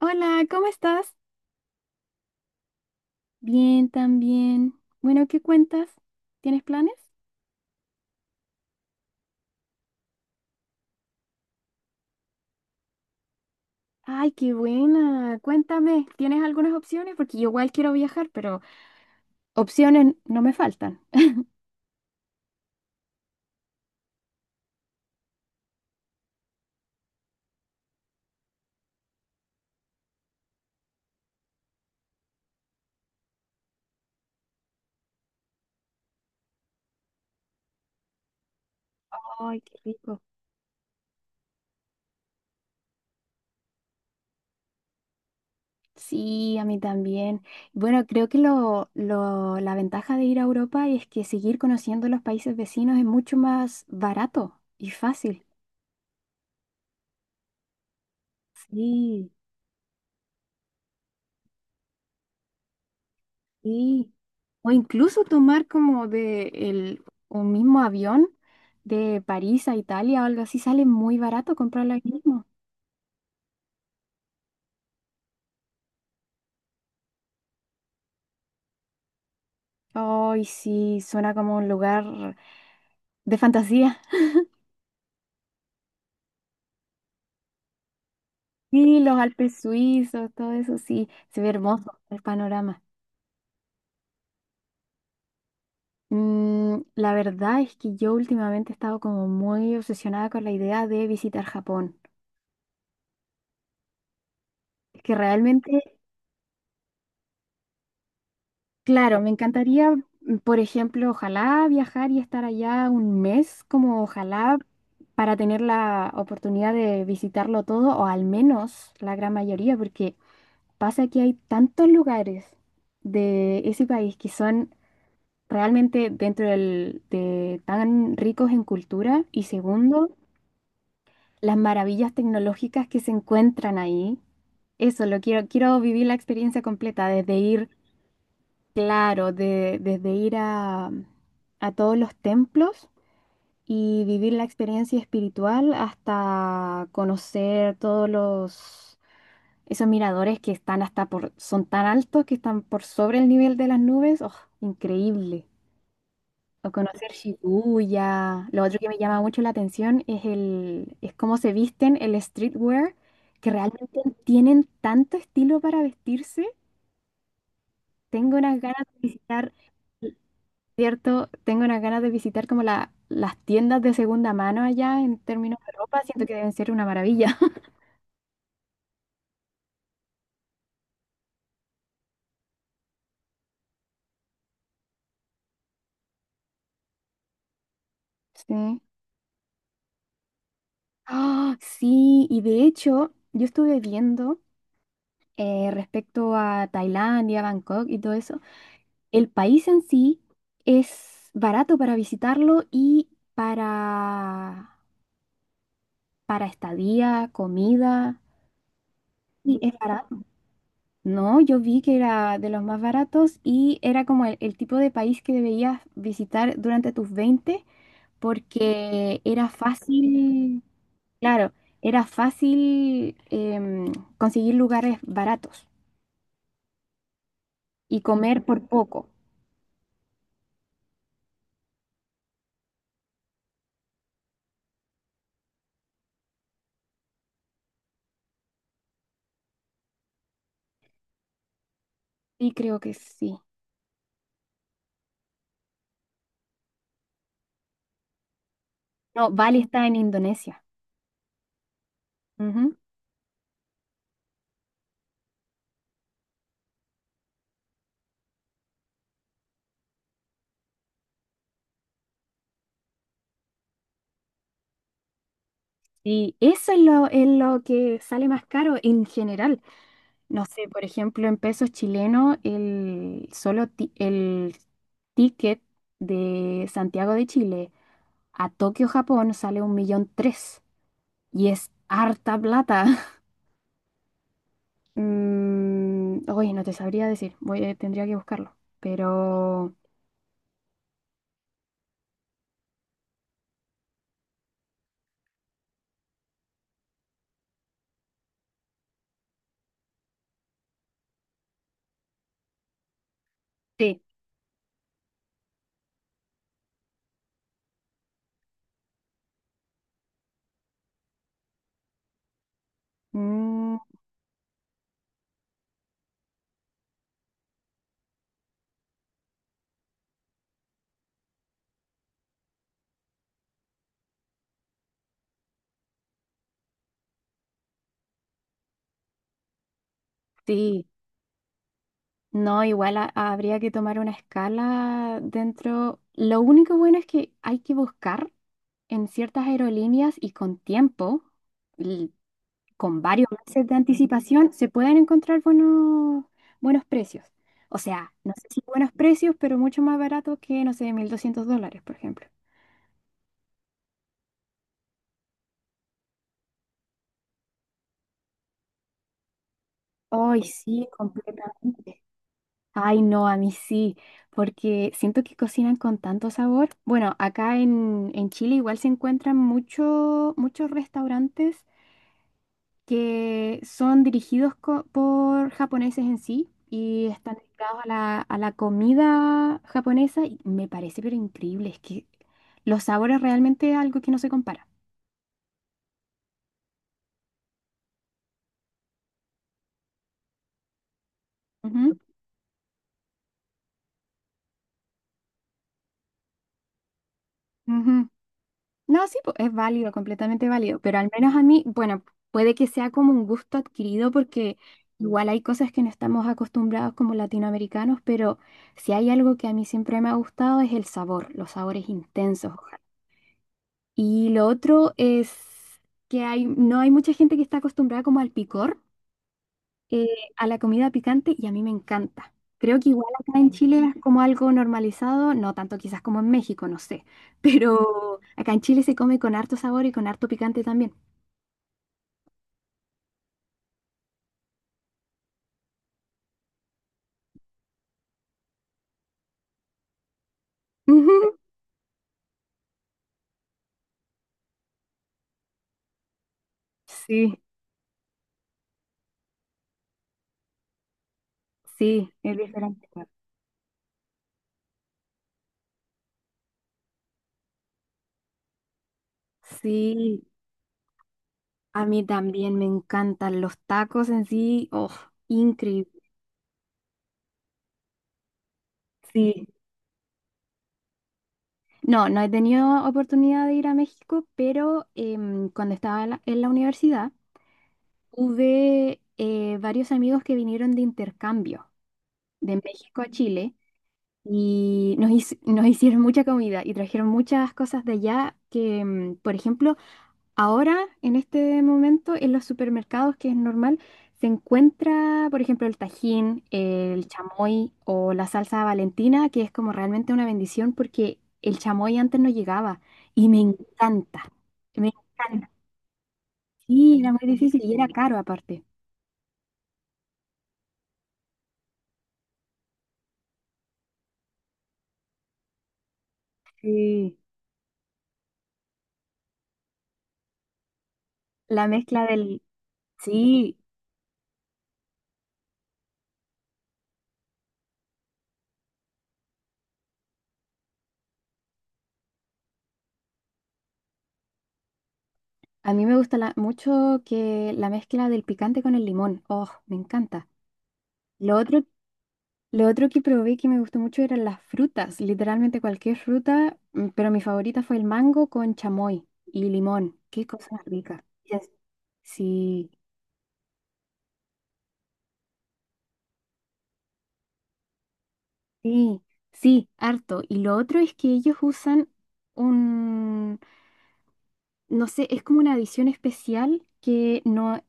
Hola, ¿cómo estás? Bien, también. Bueno, ¿qué cuentas? ¿Tienes planes? Ay, qué buena. Cuéntame, ¿tienes algunas opciones? Porque yo igual quiero viajar, pero opciones no me faltan. Ay, qué rico. Sí, a mí también. Bueno, creo que la ventaja de ir a Europa es que seguir conociendo los países vecinos es mucho más barato y fácil. Sí. Sí. O incluso tomar como un mismo avión de París a Italia o algo así, sale muy barato comprarlo ahí mismo. Ay, sí, suena como un lugar de fantasía. Sí, los Alpes suizos, todo eso, sí, se ve hermoso el panorama. La verdad es que yo últimamente he estado como muy obsesionada con la idea de visitar Japón. Es que realmente. Claro, me encantaría, por ejemplo, ojalá viajar y estar allá un mes, como ojalá para tener la oportunidad de visitarlo todo, o al menos la gran mayoría, porque pasa que hay tantos lugares de ese país que son realmente de tan ricos en cultura, y segundo, las maravillas tecnológicas que se encuentran ahí. Eso, quiero vivir la experiencia completa, desde ir. Claro, desde ir a todos los templos y vivir la experiencia espiritual hasta conocer todos los esos miradores que son tan altos que están por sobre el nivel de las nubes. ¡Oh, increíble! O conocer Shibuya. Lo otro que me llama mucho la atención es cómo se visten el streetwear, que realmente tienen tanto estilo para vestirse. Tengo unas ganas de visitar. Cierto, tengo unas ganas de visitar como las tiendas de segunda mano allá en términos de ropa, siento que deben ser una maravilla. Sí. Ah, sí, y de hecho, yo estuve viendo respecto a Tailandia, Bangkok y todo eso, el país en sí es barato para visitarlo y para, para, estadía, comida, y es barato. No, yo vi que era de los más baratos y era como el tipo de país que debías visitar durante tus 20 porque era fácil, claro, era fácil conseguir lugares baratos y comer por poco. Sí, creo que sí. No, Bali está en Indonesia. Ujú. Y eso es lo que sale más caro en general. No sé, por ejemplo, en pesos chilenos, el solo el ticket de Santiago de Chile a Tokio, Japón, sale un millón tres. Y es harta plata. Oye, no te sabría decir. Tendría que buscarlo. Pero sí, mm, sí. No, igual habría que tomar una escala dentro. Lo único bueno es que hay que buscar en ciertas aerolíneas y con tiempo con varios meses de anticipación se pueden encontrar buenos, buenos precios. O sea, no sé si buenos precios, pero mucho más barato que, no sé, $1.200, por ejemplo. Ay, sí, completamente. Ay, no, a mí sí, porque siento que cocinan con tanto sabor. Bueno, acá en, Chile igual se encuentran muchos restaurantes que son dirigidos por japoneses en sí y están dedicados a la comida japonesa y me parece pero increíble, es que los sabores realmente es algo que no se compara. Ujú, ujú. No, sí, po, es válido, completamente válido, pero al menos a mí, bueno, puede que sea como un gusto adquirido porque igual hay cosas que no estamos acostumbrados como latinoamericanos, pero si hay algo que a mí siempre me ha gustado es el sabor, los sabores intensos. Y lo otro es que no hay mucha gente que está acostumbrada como al picor, eh, a la comida picante, y a mí me encanta. Creo que igual acá en Chile es como algo normalizado, no tanto quizás como en México, no sé, pero acá en Chile se come con harto sabor y con harto picante también. Ujú. Sí, sí, es diferente. Sí, a mí también me encantan los tacos en sí, oh, increíble. Sí. No, no he tenido oportunidad de ir a México, pero cuando estaba en la universidad tuve varios amigos que vinieron de intercambio de México a Chile y nos hicieron mucha comida y trajeron muchas cosas de allá que, por ejemplo. Ahora, en este momento, en los supermercados, que es normal, se encuentra, por ejemplo, el tajín, el chamoy o la salsa Valentina, que es como realmente una bendición porque el chamoy antes no llegaba y me encanta. Me encanta. Sí, era muy difícil y era caro aparte. Sí. La mezcla del. Sí, a mí me gusta mucho que la mezcla del picante con el limón. Oh, me encanta. Lo otro Lo otro que probé que me gustó mucho eran las frutas, literalmente cualquier fruta, pero mi favorita fue el mango con chamoy y limón. Qué cosa más rica. Yes. Sí, sí, sí, harto. Y lo otro es que ellos usan un, no sé, es como una adición especial que no,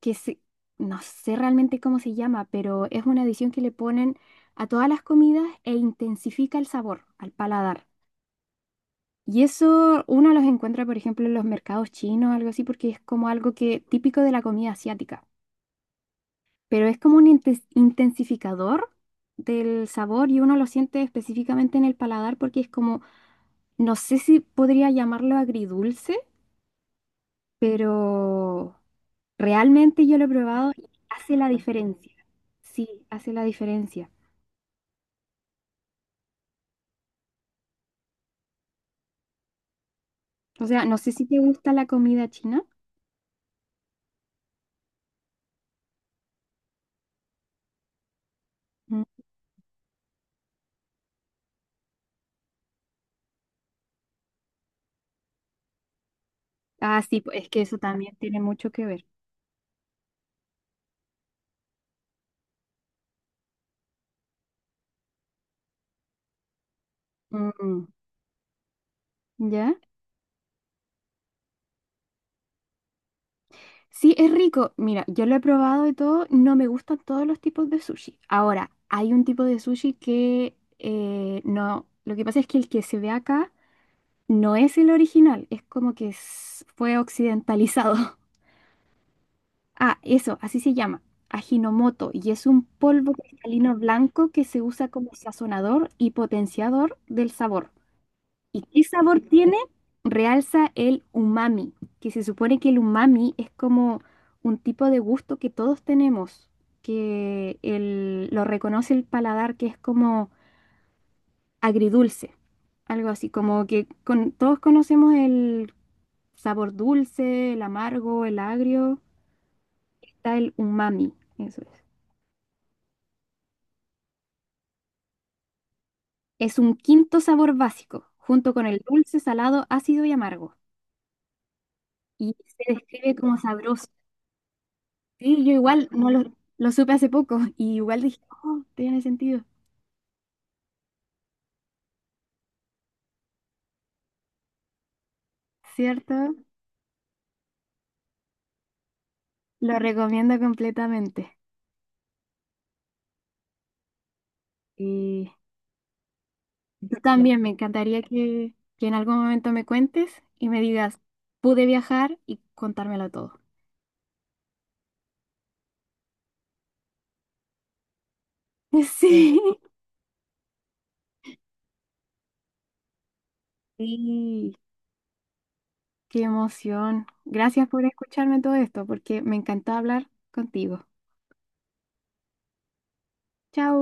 que se, no sé realmente cómo se llama, pero es una adición que le ponen a todas las comidas e intensifica el sabor al paladar. Y eso uno los encuentra, por ejemplo, en los mercados chinos, algo así, porque es como algo que típico de la comida asiática, pero es como un intensificador del sabor y uno lo siente específicamente en el paladar porque es como, no sé si podría llamarlo agridulce, pero realmente yo lo he probado y hace la diferencia. Sí, hace la diferencia. O sea, no sé si te gusta la comida china. Mm. Ah, sí, pues es que eso también tiene mucho que ver. Mm. ¿Ya? Sí, es rico. Mira, yo lo he probado y todo, no me gustan todos los tipos de sushi. Ahora, hay un tipo de sushi que no, lo que pasa es que el que se ve acá no es el original, es como que fue occidentalizado. Ah, eso, así se llama, Ajinomoto, y es un polvo cristalino blanco que se usa como sazonador y potenciador del sabor. ¿Y qué sabor tiene? Realza el umami, que se supone que el umami es como un tipo de gusto que todos tenemos, que lo reconoce el paladar, que es como agridulce, algo así, como que todos conocemos el sabor dulce, el amargo, el agrio, está el umami, eso es. Es un quinto sabor básico, junto con el dulce, salado, ácido y amargo, y se describe como sabroso. Sí, yo igual no lo supe hace poco y igual dije, oh, tiene sentido, ¿cierto? Lo recomiendo completamente. Y tú también me encantaría que en algún momento me cuentes y me digas, pude viajar y contármelo todo. Sí, sí, qué emoción. Gracias por escucharme todo esto porque me encantó hablar contigo. Chao.